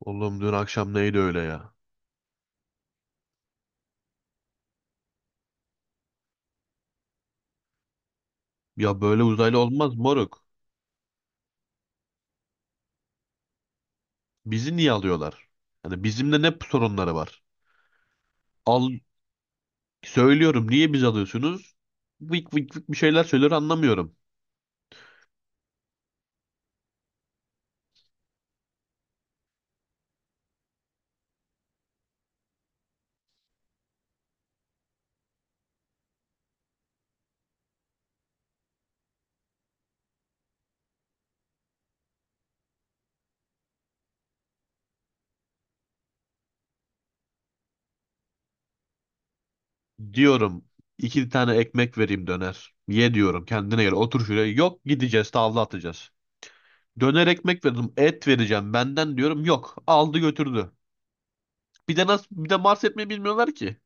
Oğlum dün akşam neydi öyle ya? Ya böyle uzaylı olmaz moruk. Bizi niye alıyorlar? Hani bizimle ne sorunları var? Al, söylüyorum niye biz alıyorsunuz? Vık vık vık bir şeyler söylüyor, anlamıyorum. Diyorum iki tane ekmek vereyim döner. Ye diyorum, kendine gel, otur şuraya. Yok, gideceğiz tavla atacağız. Döner ekmek verdim, et vereceğim benden, diyorum yok, aldı götürdü. Bir de nasıl, bir de Mars etmeyi bilmiyorlar ki.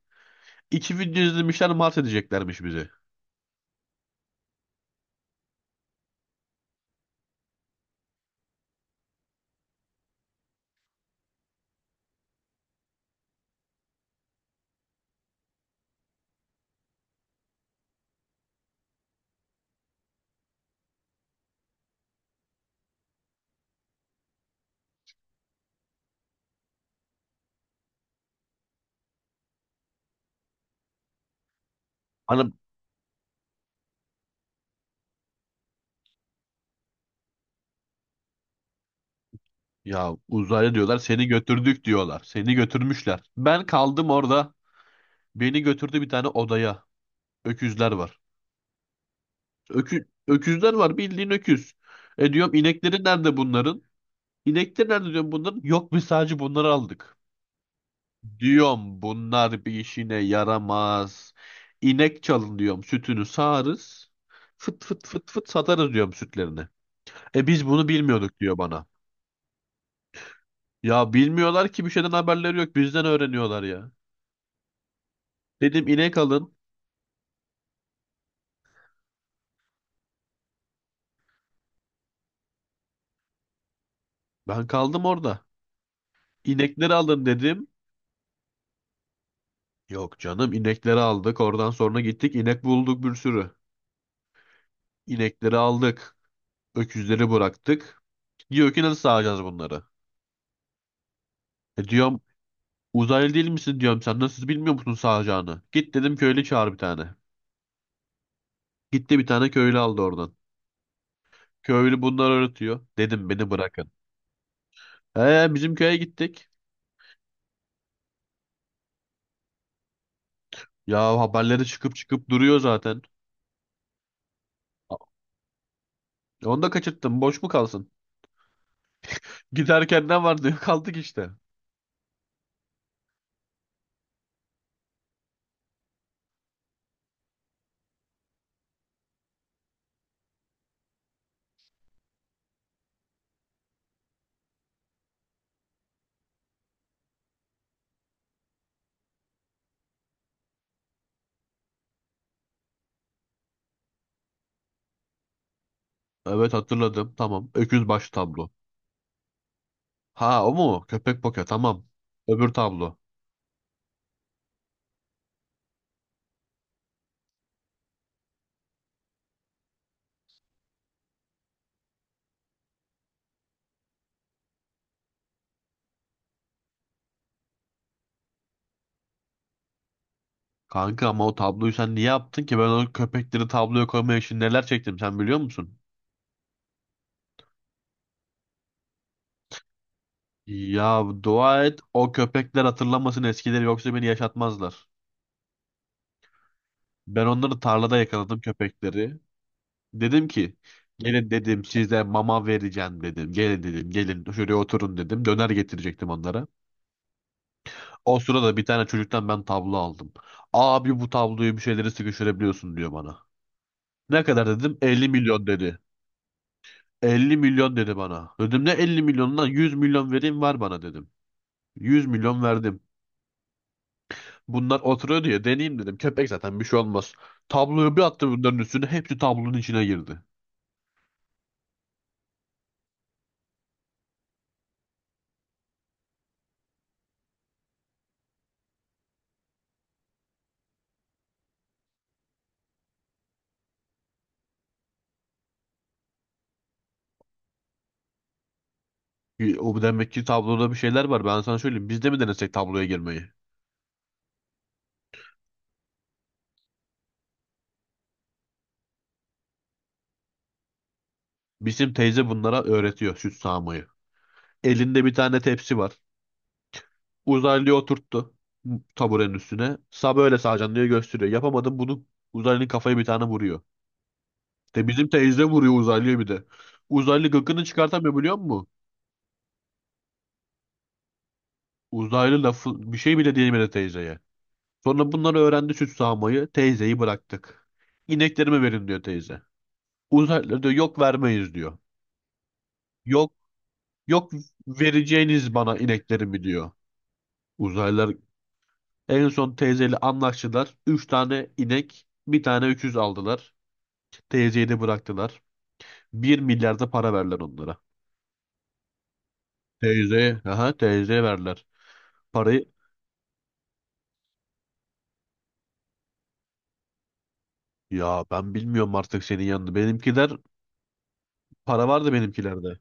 İki video izlemişler, mat edeceklermiş bizi. Hani ya, uzaylı diyorlar, seni götürdük diyorlar. Seni götürmüşler. Ben kaldım orada. Beni götürdü bir tane odaya. Öküzler var. Öküzler var, bildiğin öküz. E diyorum, inekleri nerede bunların? İnekleri nerede diyorum bunların? Yok, biz sadece bunları aldık. Diyorum bunlar bir işine yaramaz. İnek çalın diyorum, sütünü sağarız. Fıt fıt fıt fıt satarız diyorum sütlerini. E biz bunu bilmiyorduk diyor bana. Ya bilmiyorlar ki, bir şeyden haberleri yok, bizden öğreniyorlar ya. Dedim inek alın. Ben kaldım orada. İnekleri alın dedim. Yok canım, inekleri aldık. Oradan sonra gittik, inek bulduk bir sürü. İnekleri aldık. Öküzleri bıraktık. Diyor ki nasıl sağacağız bunları? E diyorum, uzaylı değil misin diyorum, sen nasıl bilmiyor musun sağacağını? Git dedim, köylü çağır bir tane. Gitti bir tane köylü aldı oradan. Köylü bunları öğretiyor. Dedim beni bırakın. He, bizim köye gittik. Ya haberleri çıkıp çıkıp duruyor zaten. Onu da kaçırttım, boş mu kalsın? Giderken ne var diyor kaldık işte. Evet hatırladım, tamam. Öküz baş tablo. Ha, o mu? Köpek poke, tamam. Öbür tablo. Kanka ama o tabloyu sen niye yaptın ki? Ben o köpekleri tabloya koymaya için neler çektim, sen biliyor musun? Ya dua et o köpekler hatırlamasın eskileri, yoksa beni yaşatmazlar. Ben onları tarlada yakaladım, köpekleri. Dedim ki gelin dedim, size mama vereceğim dedim. Gelin dedim, gelin şuraya oturun dedim. Döner getirecektim onlara. O sırada bir tane çocuktan ben tablo aldım. Abi bu tabloyu bir şeyleri sıkıştırabiliyorsun diyor bana. Ne kadar dedim, 50 milyon dedi. 50 milyon dedi bana. Dedim ne 50 milyonundan, 100 milyon vereyim var, bana dedim. 100 milyon verdim. Bunlar oturuyor diye deneyeyim dedim. Köpek zaten bir şey olmaz. Tabloyu bir attı bunların üstüne. Hepsi tablonun içine girdi. O demek ki tabloda bir şeyler var. Ben sana söyleyeyim. Biz de mi denesek tabloya girmeyi? Bizim teyze bunlara öğretiyor süt sağmayı. Elinde bir tane tepsi var. Uzaylıyı oturttu taburenin üstüne. Sağ, böyle sağacaksın diye gösteriyor. Yapamadım bunu. Uzaylının kafayı bir tane vuruyor. De bizim teyze vuruyor uzaylıya bir de. Uzaylı gıkını çıkartamıyor biliyor musun? Uzaylı lafı bir şey bile diyemedi teyzeye. Sonra bunları öğrendi süt sağmayı. Teyzeyi bıraktık. İneklerimi verin diyor teyze. Uzaylı diyor yok, vermeyiz diyor. Yok, yok, vereceğiniz bana ineklerimi diyor. Uzaylılar en son teyzeyle anlaştılar. Üç tane inek, bir tane öküz aldılar. Teyzeyi de bıraktılar. Bir milyarda para verler onlara. Teyzeye, aha teyzeye verler. Parayı. Ya ben bilmiyorum artık, senin yanında. Benimkiler, para vardı benimkilerde.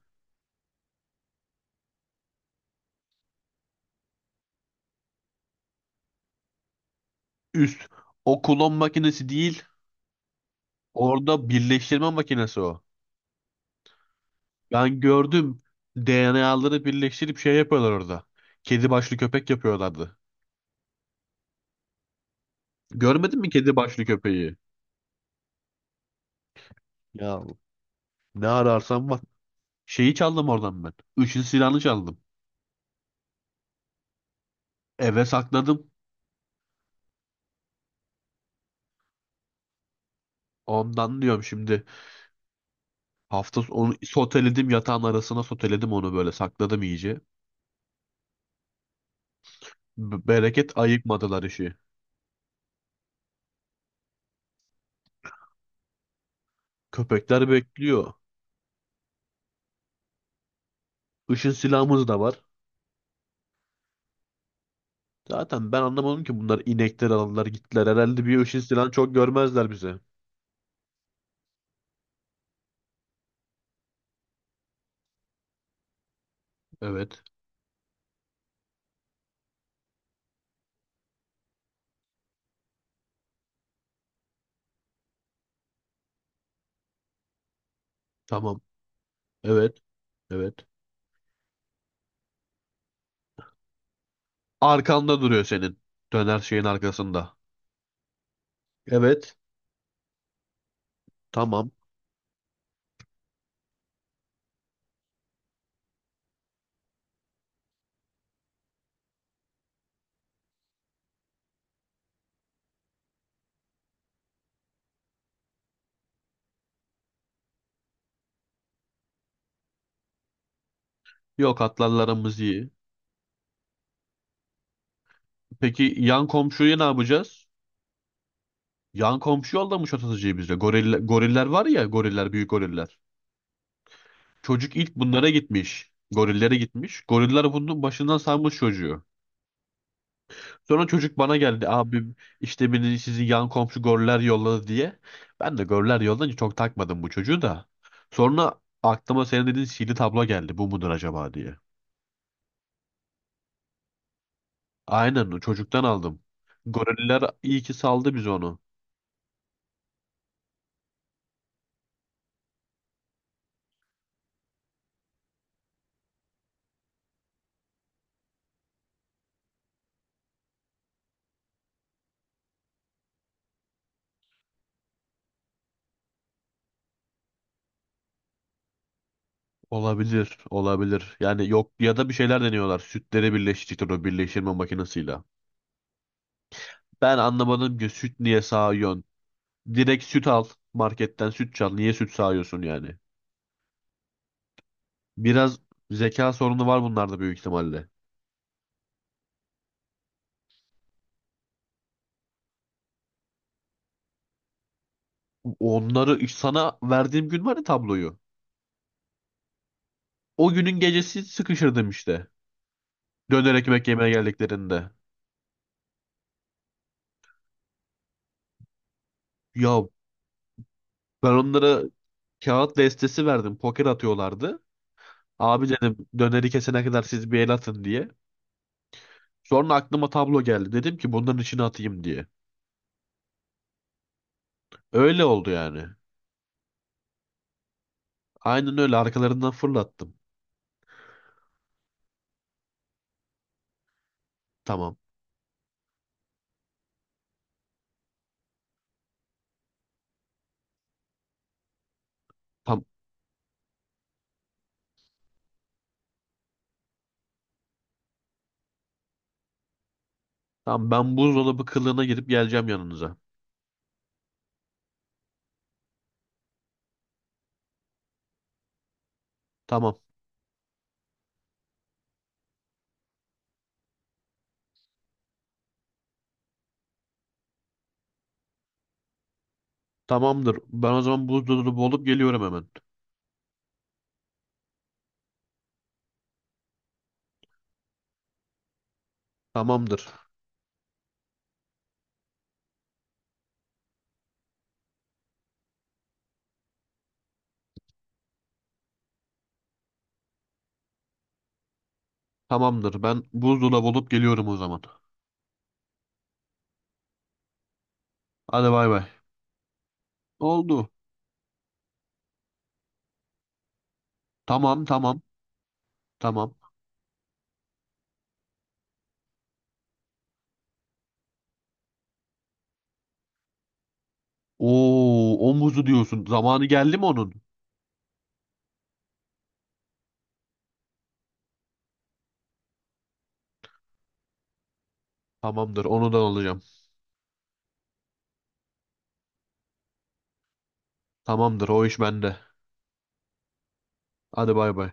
Üst. O klon makinesi değil. Orada birleştirme makinesi o. Ben gördüm. DNA'ları birleştirip şey yapıyorlar orada. Kedi başlı köpek yapıyorlardı. Görmedin mi kedi başlı köpeği? Ya ne ararsan var. Şeyi çaldım oradan ben. Üçün silahını çaldım. Eve sakladım. Ondan diyorum şimdi. Onu soteledim, yatağın arasına soteledim onu, böyle sakladım iyice. Bereket ayıkmadılar işi. Köpekler bekliyor. Işın silahımız da var. Zaten ben anlamadım ki bunlar, inekler aldılar gittiler. Herhalde bir ışın silahını çok görmezler bize. Evet. Tamam. Evet. Evet. Arkanda duruyor senin. Döner şeyin arkasında. Evet. Tamam. Yok, atlarlarımız iyi. Peki yan komşuyu ne yapacağız? Yan komşu yollamış atıcıyı bize. Goriller, goriller var ya, goriller, büyük goriller. Çocuk ilk bunlara gitmiş. Gorillere gitmiş. Goriller bunun başından salmış çocuğu. Sonra çocuk bana geldi. Abi, işte beni sizin yan komşu goller yolladı diye. Ben de goller yollayınca çok takmadım bu çocuğu da. Sonra aklıma senin dediğin sihirli tablo geldi. Bu mudur acaba diye. Aynen o çocuktan aldım. Goriller iyi ki saldı biz onu. Olabilir, olabilir. Yani yok, ya da bir şeyler deniyorlar. Sütleri birleştirecektir o birleştirme makinesiyle. Ben anlamadım ki süt niye sağıyorsun? Direkt süt al, marketten süt çal. Niye süt sağıyorsun yani? Biraz zeka sorunu var bunlarda büyük ihtimalle. Onları sana verdiğim gün var ya, tabloyu. O günün gecesi sıkışırdım işte. Döner ekmek yemeye geldiklerinde. Ya ben onlara kağıt destesi verdim. Poker atıyorlardı. Abi dedim, döneri kesene kadar siz bir el atın diye. Sonra aklıma tablo geldi. Dedim ki bunların içine atayım diye. Öyle oldu yani. Aynen öyle, arkalarından fırlattım. Tamam. Tam, tamam ben buzdolabı kılığına girip geleceğim yanınıza. Tamam. Tamamdır. Ben o zaman buzdolabı olup geliyorum hemen. Tamamdır. Tamamdır. Ben buzdolabı olup geliyorum o zaman. Hadi bay bay. Oldu. Tamam, tamam. Tamam. Oo, o muzu diyorsun. Zamanı geldi mi onun? Tamamdır. Onu da alacağım. Tamamdır. O iş bende. Hadi bay bay.